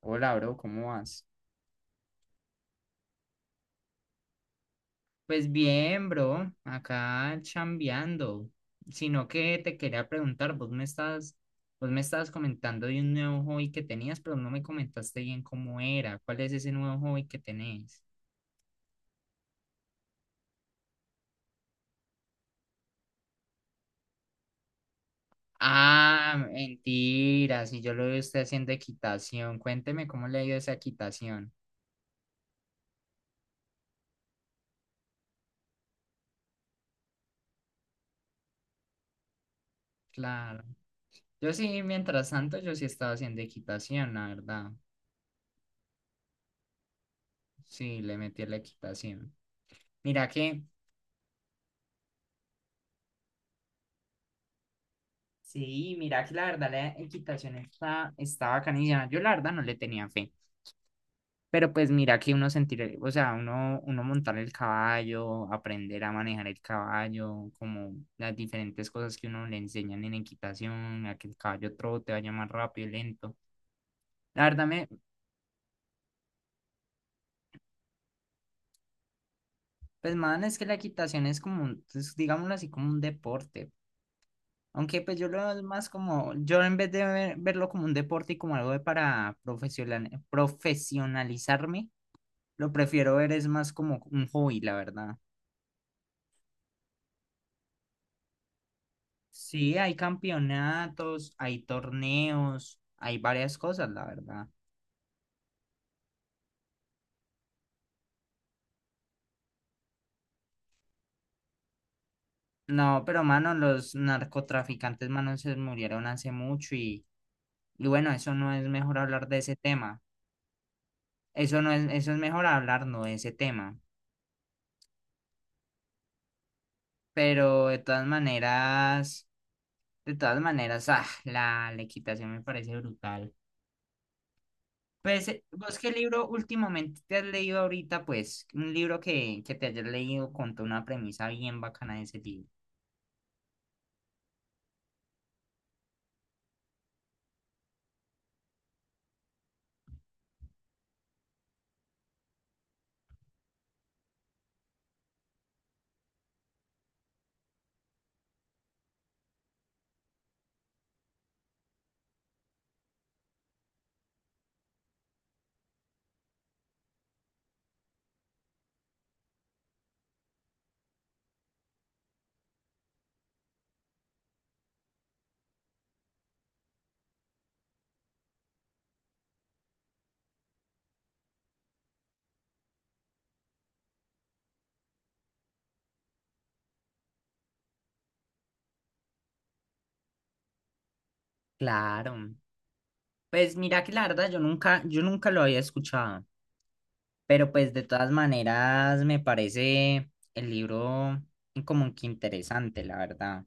Hola, bro, ¿cómo vas? Pues bien, bro, acá chambeando. Sino que te quería preguntar, vos me estabas comentando de un nuevo hobby que tenías, pero no me comentaste bien cómo era. ¿Cuál es ese nuevo hobby que tenés? Ah, mentira, si yo lo veo usted haciendo equitación. Cuénteme cómo le ha ido esa equitación. Claro. Yo sí, mientras tanto, yo sí estaba haciendo equitación, la verdad. Sí, le metí a la equitación. Mira que Sí, mira que la verdad la equitación está bacanísima. Yo la verdad no le tenía fe. Pero pues mira que uno sentir, o sea, uno montar el caballo, aprender a manejar el caballo, como las diferentes cosas que uno le enseñan en equitación, a que el caballo trote, vaya más rápido, lento. La verdad me, pues más es que la equitación es como, es, digámoslo así, como un deporte. Aunque pues yo lo veo más como, yo en vez de verlo como un deporte y como algo de para profesionalizarme. Lo prefiero ver, es más como un hobby, la verdad. Sí, hay campeonatos, hay torneos, hay varias cosas, la verdad. No, pero mano, los narcotraficantes, mano, se murieron hace mucho, y bueno, eso no es mejor hablar de ese tema. Eso es mejor hablar no de ese tema. Pero de todas maneras, la equitación me parece brutal. Pues, ¿vos qué libro últimamente te has leído ahorita? Pues, un libro que te hayas leído contó una premisa bien bacana de ese libro. Claro. Pues mira que la verdad yo nunca lo había escuchado, pero pues de todas maneras me parece el libro como que interesante, la verdad.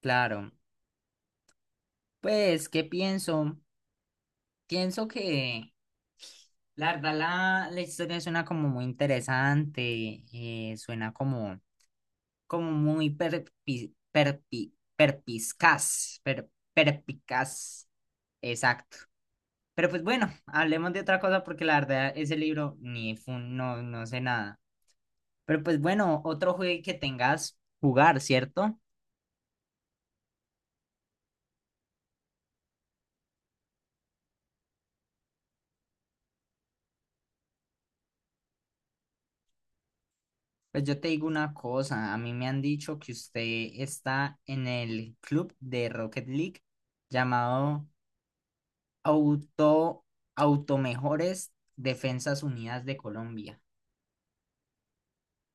Claro. Pues, ¿qué pienso? Pienso que la verdad la historia suena como muy interesante, suena como muy perpicaz. Exacto. Pero pues bueno, hablemos de otra cosa porque la verdad ese libro ni fun, no, no sé nada. Pero pues bueno, otro juego que tengas jugar, ¿cierto? Pues yo te digo una cosa, a mí me han dicho que usted está en el club de Rocket League llamado Auto Automejores Defensas Unidas de Colombia,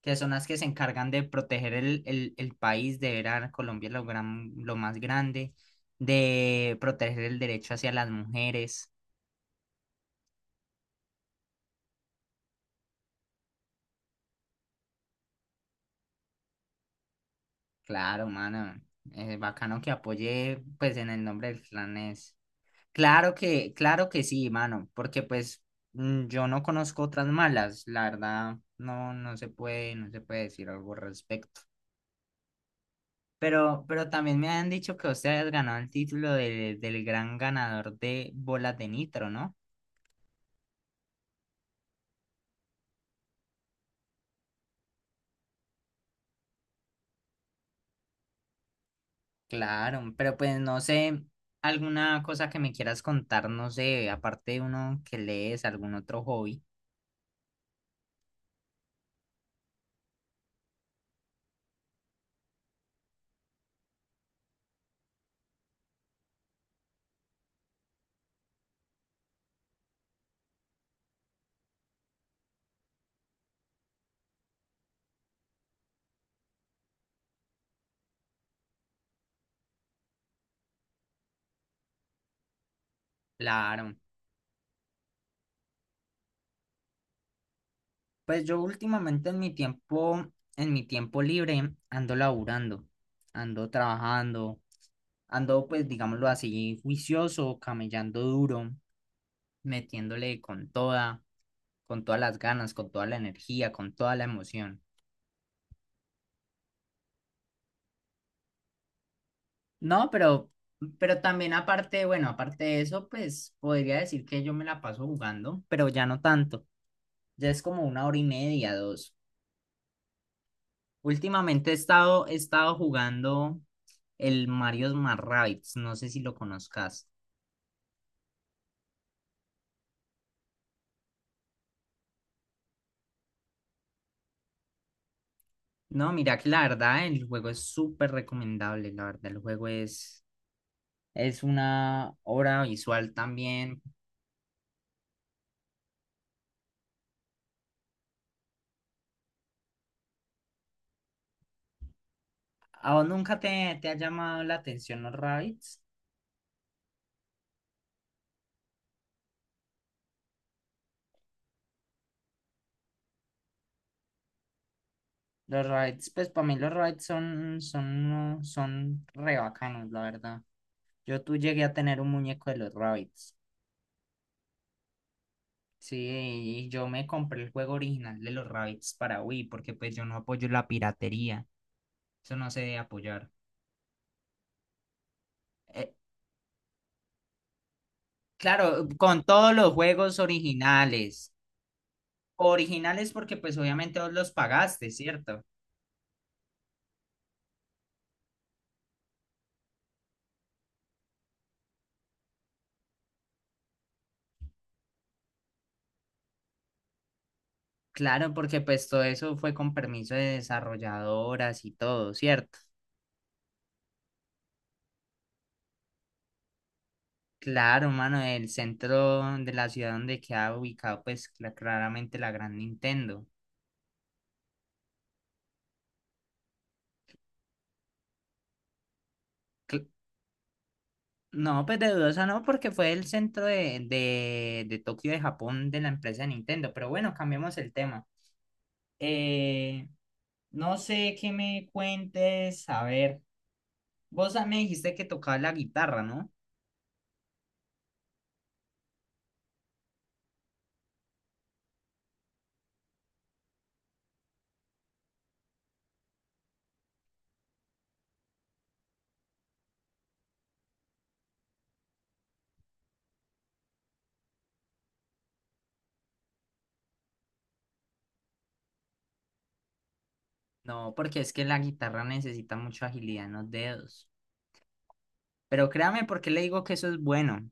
que son las que se encargan de proteger el país, de ver a Colombia lo más grande, de proteger el derecho hacia las mujeres. Claro, mano, es bacano que apoye, pues, en el nombre del clan es. Claro que sí, mano, porque pues yo no conozco otras malas, la verdad, no, no se puede decir algo al respecto. Pero también me han dicho que usted has ganado el título del gran ganador de bolas de nitro, ¿no? Claro, pero pues no sé, alguna cosa que me quieras contar, no sé, aparte de uno que lees, algún otro hobby. Claro, pues yo últimamente en mi tiempo libre, ando laburando, ando trabajando, ando pues digámoslo así, juicioso, camellando duro, metiéndole con toda, con todas las ganas, con toda la energía, con toda la emoción. No, pero también aparte, bueno, aparte de eso, pues podría decir que yo me la paso jugando, pero ya no tanto. Ya es como una hora y media, dos. Últimamente he estado jugando el Mario Smart Rabbids, no sé si lo conozcas. No, mira que la verdad, el juego es súper recomendable, la verdad, el juego es una obra visual también. ¿A vos nunca te ha llamado la atención los Rabbids? Los rides, pues para mí los rides son re bacanos, la verdad. Yo tú llegué a tener un muñeco de los Rabbids. Sí, y yo me compré el juego original de los Rabbids para Wii, porque pues yo no apoyo la piratería. Eso no se debe apoyar. Eh, claro, con todos los juegos originales. Originales porque pues obviamente vos los pagaste, ¿cierto? Claro, porque pues todo eso fue con permiso de desarrolladoras y todo, ¿cierto? Claro, mano, el centro de la ciudad donde queda ubicado, pues claramente la gran Nintendo. Cl- no, pues de dudosa no, porque fue el centro de Tokio de Japón de la empresa de Nintendo. Pero bueno, cambiamos el tema. Eh, no sé qué me cuentes. A ver, vos me dijiste que tocabas la guitarra, ¿no? No, porque es que la guitarra necesita mucha agilidad en los dedos. Pero créame, porque le digo que eso es bueno.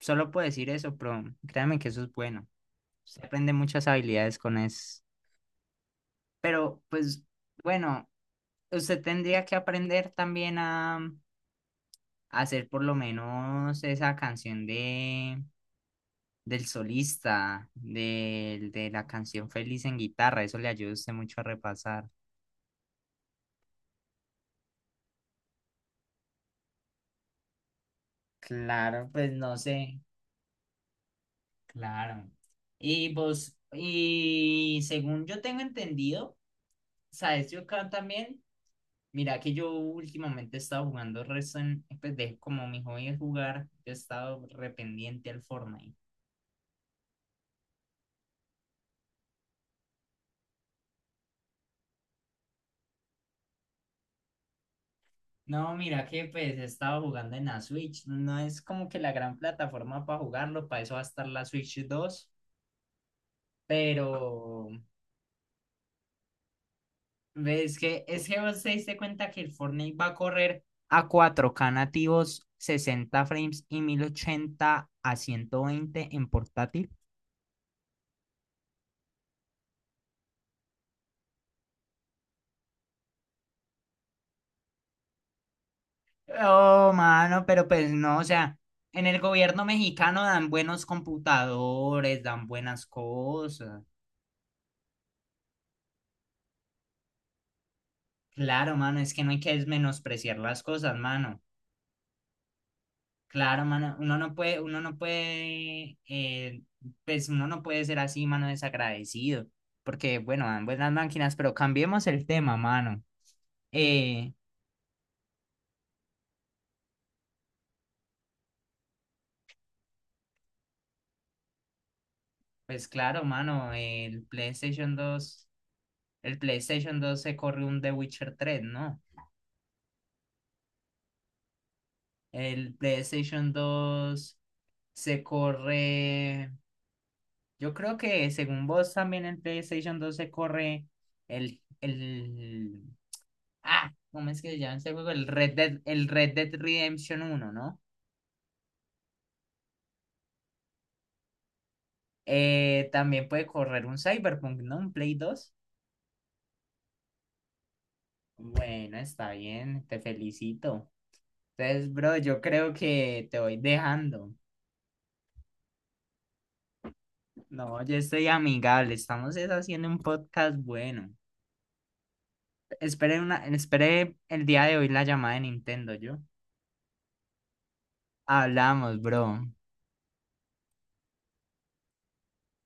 Solo puedo decir eso, pero créame que eso es bueno. Usted aprende muchas habilidades con eso. Pero, pues, bueno, usted tendría que aprender también a hacer por lo menos esa canción de del solista, la canción Feliz en guitarra. Eso le ayuda a usted mucho a repasar. Claro, pues no sé. Claro. Y vos, y según yo tengo entendido, ¿sabes? Yo acá también. Mira que yo últimamente he estado jugando Resident, como mi hobby es jugar, yo he estado rependiente al Fortnite. No, mira que pues he estado jugando en la Switch, no es como que la gran plataforma para jugarlo, para eso va a estar la Switch 2. Pero ves que es que vos te diste cuenta que el Fortnite va a correr a 4K nativos, 60 frames y 1080 a 120 en portátil. Oh, mano, pero pues no, o sea, en el gobierno mexicano dan buenos computadores, dan buenas cosas. Claro, mano, es que no hay que menospreciar las cosas, mano. Claro, mano, uno no puede, pues uno no puede ser así, mano, desagradecido, porque bueno, dan buenas máquinas, pero cambiemos el tema, mano. Eh, pues claro, mano, el PlayStation dos se corre un The Witcher 3, ¿no? El PlayStation 2 se corre, yo creo que según vos también el PlayStation 2 se corre el, el, ¿cómo es que se llama ese juego? El Red Dead Redemption uno, ¿no? También puede correr un Cyberpunk, ¿no? Un Play dos. Bueno, está bien, te felicito. Entonces, bro, yo creo que te voy dejando. No, yo estoy amigable, estamos es haciendo un podcast bueno. Esperé el día de hoy la llamada de Nintendo, yo. Hablamos, bro.